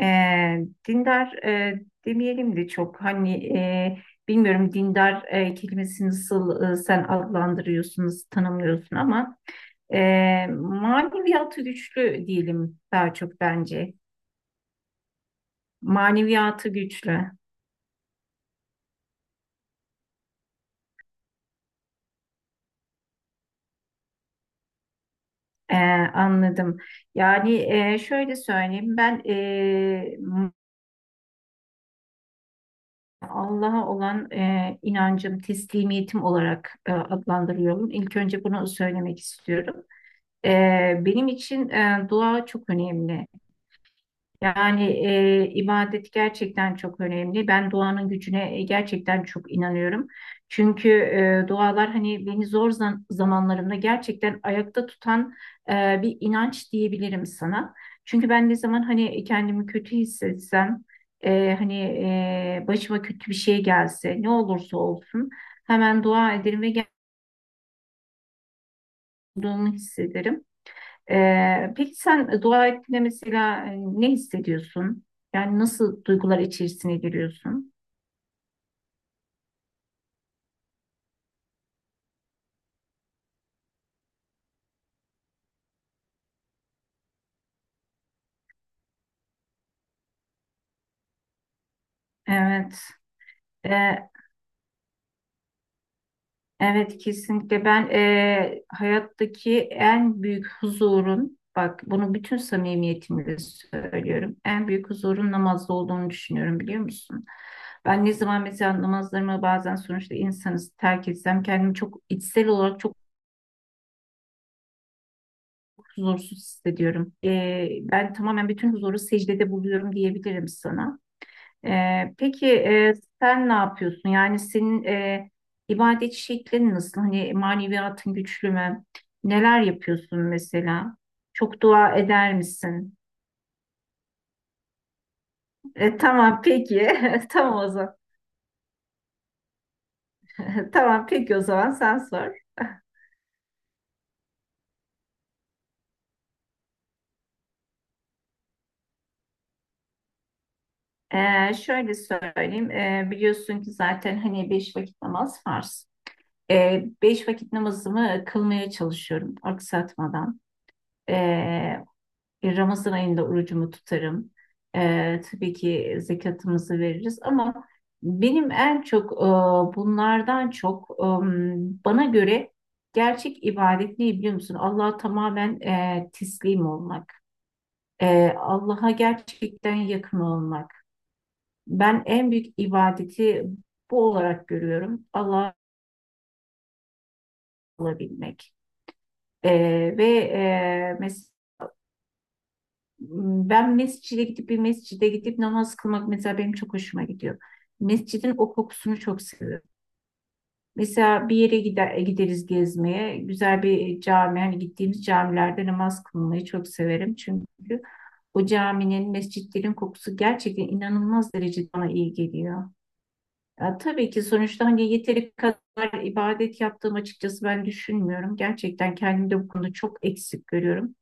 E, Dindar demeyelim de çok hani bilmiyorum dindar kelimesini nasıl sen adlandırıyorsun, nasıl tanımlıyorsun ama maneviyatı güçlü diyelim daha çok bence. Maneviyatı güçlü. E, Anladım. Yani şöyle söyleyeyim ben Allah'a olan inancım, teslimiyetim olarak adlandırıyorum. İlk önce bunu söylemek istiyorum. Benim için dua çok önemli. Yani ibadet gerçekten çok önemli. Ben duanın gücüne gerçekten çok inanıyorum. Çünkü dualar hani beni zor zamanlarımda gerçekten ayakta tutan bir inanç diyebilirim sana. Çünkü ben ne zaman hani kendimi kötü hissetsem, hani başıma kötü bir şey gelse, ne olursa olsun hemen dua ederim ve geldiğimi hissederim. Peki sen dua ettiğinde mesela ne hissediyorsun? Yani nasıl duygular içerisine giriyorsun? Evet. Ee, Evet, kesinlikle ben hayattaki en büyük huzurun, bak bunu bütün samimiyetimle söylüyorum, en büyük huzurun namazda olduğunu düşünüyorum biliyor musun? Ben ne zaman mesela namazlarımı, bazen sonuçta insanız, terk etsem kendimi çok içsel olarak çok huzursuz hissediyorum. Ben tamamen bütün huzuru secdede buluyorum diyebilirim sana. Peki sen ne yapıyorsun? Yani senin ibadet şeklin nasıl? Hani maneviyatın güçlü mü? Neler yapıyorsun mesela? Çok dua eder misin? Tamam peki. Tamam o zaman. Tamam peki, o zaman sen sor. Şöyle söyleyeyim. Biliyorsun ki zaten hani beş vakit namaz farz. Beş vakit namazımı kılmaya çalışıyorum aksatmadan. Ee, Ramazan ayında orucumu tutarım. Tabii ki zekatımızı veririz ama benim en çok bunlardan çok bana göre gerçek ibadet ne biliyor musun? Allah'a tamamen teslim olmak. Allah'a gerçekten yakın olmak. Ben en büyük ibadeti bu olarak görüyorum. Allah'a olabilmek. E, Ve mesela ben mescide gidip bir mescide gidip namaz kılmak mesela benim çok hoşuma gidiyor. Mescidin o kokusunu çok seviyorum. Mesela bir yere gideriz gezmeye. Güzel bir cami, hani gittiğimiz camilerde namaz kılmayı çok severim. Çünkü o caminin, mescitlerin kokusu gerçekten inanılmaz derecede bana iyi geliyor. Ya, tabii ki sonuçta hani yeteri kadar ibadet yaptığım açıkçası ben düşünmüyorum. Gerçekten kendimde bu konuda çok eksik görüyorum.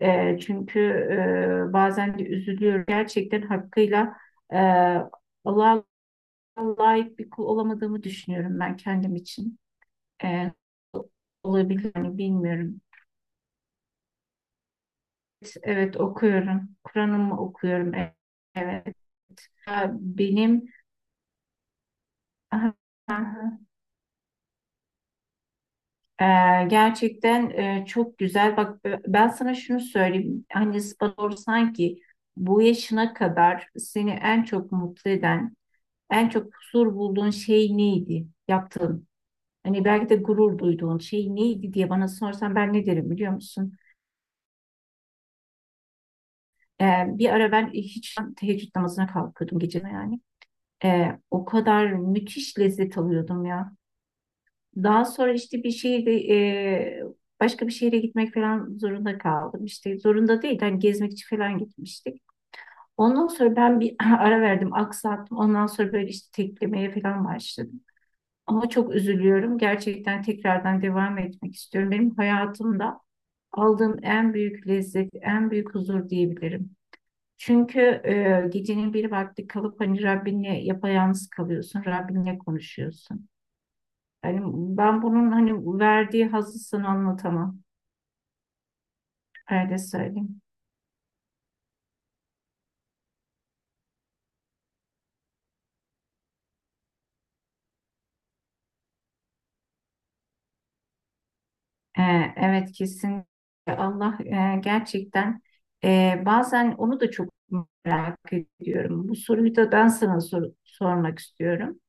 Çünkü bazen de üzülüyorum. Gerçekten hakkıyla e, Allah'a layık bir kul olamadığımı düşünüyorum ben kendim için. E, Olabilir mi bilmiyorum. Evet, okuyorum. Kur'an'ımı okuyorum. Evet. Benim Ee, Gerçekten çok güzel. Bak ben sana şunu söyleyeyim. Hani bana sorsan ki bu yaşına kadar seni en çok mutlu eden en çok huzur bulduğun şey neydi? Yaptığın. Hani belki de gurur duyduğun şey neydi diye bana sorsan, ben ne derim biliyor musun? Bir ara ben hiç teheccüd namazına kalkıyordum, gece yani. O kadar müthiş lezzet alıyordum ya. Daha sonra işte başka bir şehre gitmek falan zorunda kaldım. İşte zorunda değil, hani gezmek için falan gitmiştik. Ondan sonra ben bir ara verdim, aksattım. Ondan sonra böyle işte teklemeye falan başladım. Ama çok üzülüyorum. Gerçekten tekrardan devam etmek istiyorum. Benim hayatımda aldığım en büyük lezzet, en büyük huzur diyebilirim. Çünkü gecenin bir vakti kalıp hani Rabbinle yapayalnız kalıyorsun, Rabbinle konuşuyorsun. Hani ben bunun hani verdiği hazzı sana anlatamam. Öyle söyleyeyim. E, evet, kesin Allah gerçekten, bazen onu da çok merak ediyorum. Bu soruyu da ben sana sormak istiyorum.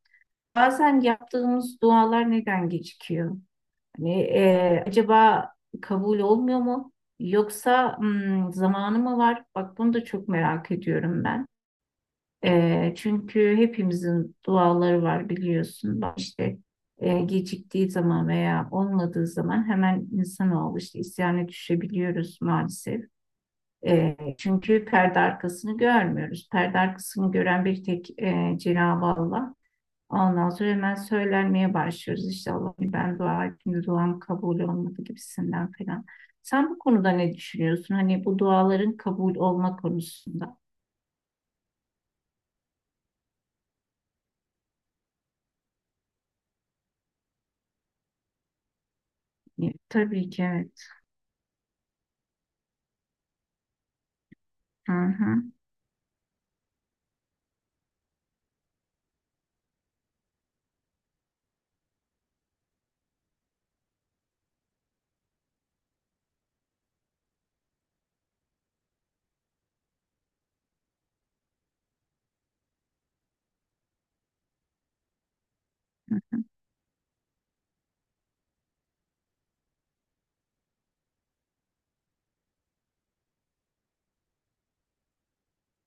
Bazen yaptığımız dualar neden gecikiyor? Hani acaba kabul olmuyor mu? Yoksa zamanı mı var? Bak bunu da çok merak ediyorum ben. Çünkü hepimizin duaları var biliyorsun. Bak işte geciktiği zaman veya olmadığı zaman hemen insanoğlu işte isyana düşebiliyoruz maalesef. Çünkü perde arkasını görmüyoruz. Perde arkasını gören bir tek Cenab-ı Allah. Ondan sonra hemen söylenmeye başlıyoruz işte, Allah'ım ben dua ettim, duam kabul olmadı gibisinden falan. Sen bu konuda ne düşünüyorsun? Hani bu duaların kabul olma konusunda. Yani tabii ki evet. Hı hı.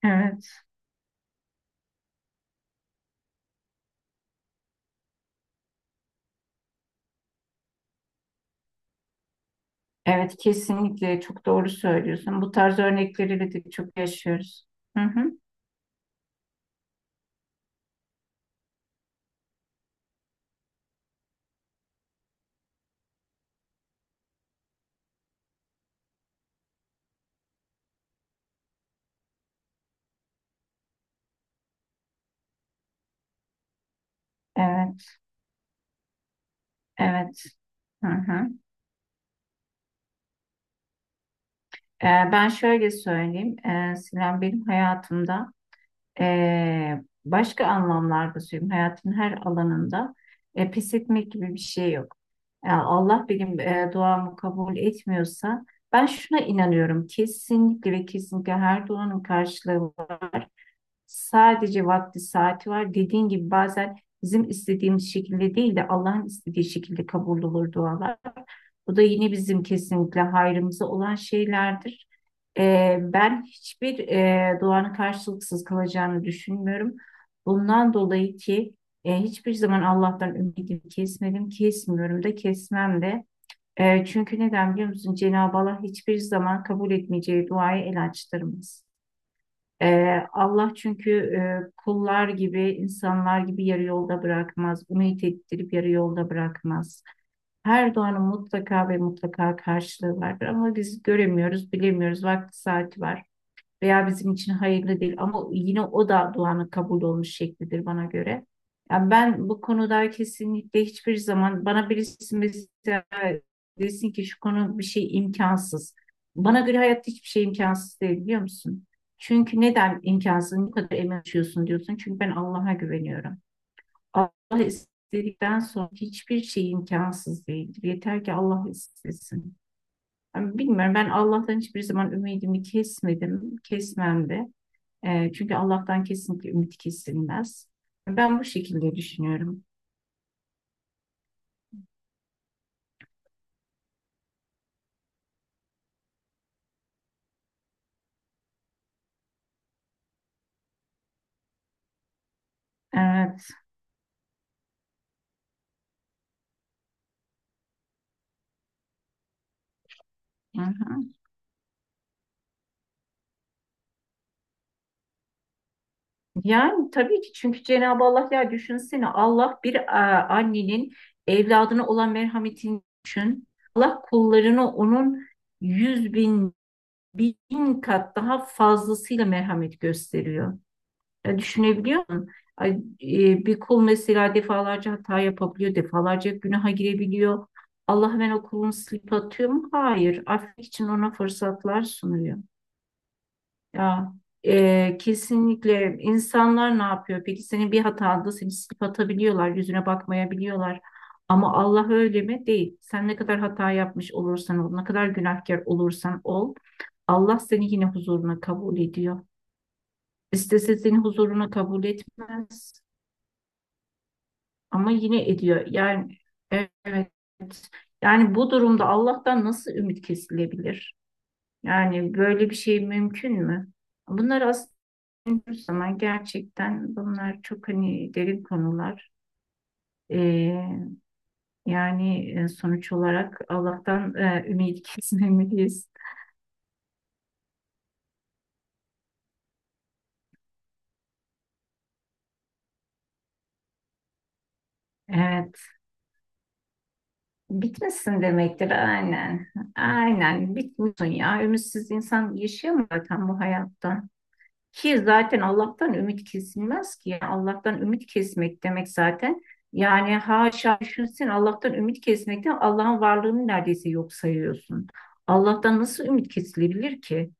Evet. Evet, kesinlikle çok doğru söylüyorsun. Bu tarz örnekleri de çok yaşıyoruz. Hı hı. Evet, evet. Hı hı. Ben şöyle söyleyeyim. Sinan, benim hayatımda, başka anlamlarda söyleyeyim. Hayatın her alanında pes etmek gibi bir şey yok. Yani Allah benim duamı kabul etmiyorsa ben şuna inanıyorum. Kesinlikle ve kesinlikle her duanın karşılığı var. Sadece vakti saati var. Dediğin gibi bazen bizim istediğimiz şekilde değil de Allah'ın istediği şekilde kabul olur dualar. Bu da yine bizim kesinlikle hayrımıza olan şeylerdir. Ben hiçbir duanın karşılıksız kalacağını düşünmüyorum. Bundan dolayı ki hiçbir zaman Allah'tan ümidimi kesmedim, kesmiyorum da, kesmem de. Çünkü neden biliyor musun? Cenab-ı Allah hiçbir zaman kabul etmeyeceği duayı el açtırmaz. E, Allah çünkü kullar gibi, insanlar gibi yarı yolda bırakmaz. Ümit ettirip yarı yolda bırakmaz. Her doğanın mutlaka ve mutlaka karşılığı vardır ama biz göremiyoruz, bilemiyoruz. Vakti saati var veya bizim için hayırlı değil ama yine o da duanın kabul olmuş şeklidir bana göre. Yani ben bu konuda kesinlikle, hiçbir zaman bana birisi mesela desin ki şu konu, bir şey imkansız. Bana göre hayatta hiçbir şey imkansız değil biliyor musun? Çünkü neden imkansız bu kadar emin oluyorsun diyorsun. Çünkü ben Allah'a güveniyorum. Allah istedikten sonra hiçbir şey imkansız değildir. Yeter ki Allah istesin. Yani bilmiyorum, ben Allah'tan hiçbir zaman ümidimi kesmedim, kesmem de. Çünkü Allah'tan kesinlikle ümit kesilmez. Ben bu şekilde düşünüyorum. Evet. Hı hı. Yani tabii ki, çünkü Cenab-ı Allah, ya düşünsene, Allah bir annenin evladına olan merhametini düşün. Allah kullarını onun yüz bin kat daha fazlasıyla merhamet gösteriyor. Ya düşünebiliyor musun? Bir kul mesela defalarca hata yapabiliyor, defalarca günaha girebiliyor. Allah hemen o kulunu silip atıyor mu? Hayır. Affetmek için ona fırsatlar sunuyor. Ya, kesinlikle insanlar ne yapıyor? Peki, senin bir hatanda seni silip atabiliyorlar, yüzüne bakmayabiliyorlar. Ama Allah öyle mi? Değil. Sen ne kadar hata yapmış olursan ol, ne kadar günahkar olursan ol, Allah seni yine huzuruna kabul ediyor. İstese seni huzuruna kabul etmez ama yine ediyor. Yani evet. Yani bu durumda Allah'tan nasıl ümit kesilebilir? Yani böyle bir şey mümkün mü? Bunlar aslında düşündüğümüz zaman gerçekten bunlar çok hani derin konular. Ee, Yani sonuç olarak Allah'tan ümit kesmemeliyiz. Evet, bitmesin demektir aynen. Aynen, bitmiyorsun ya. Ümitsiz insan yaşayamıyor zaten bu hayatta. Ki zaten Allah'tan ümit kesilmez ki. Yani Allah'tan ümit kesmek demek zaten. Yani haşa, düşünsün Allah'tan ümit kesmekten, Allah'ın varlığını neredeyse yok sayıyorsun. Allah'tan nasıl ümit kesilebilir ki?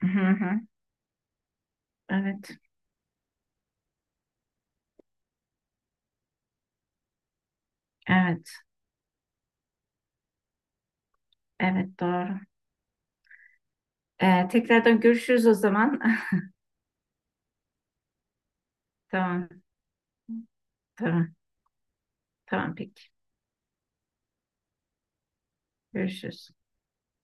Hı hı. Evet, evet, evet doğru. Tekrardan görüşürüz o zaman. Tamam, tamam, tamam peki. Görüşürüz.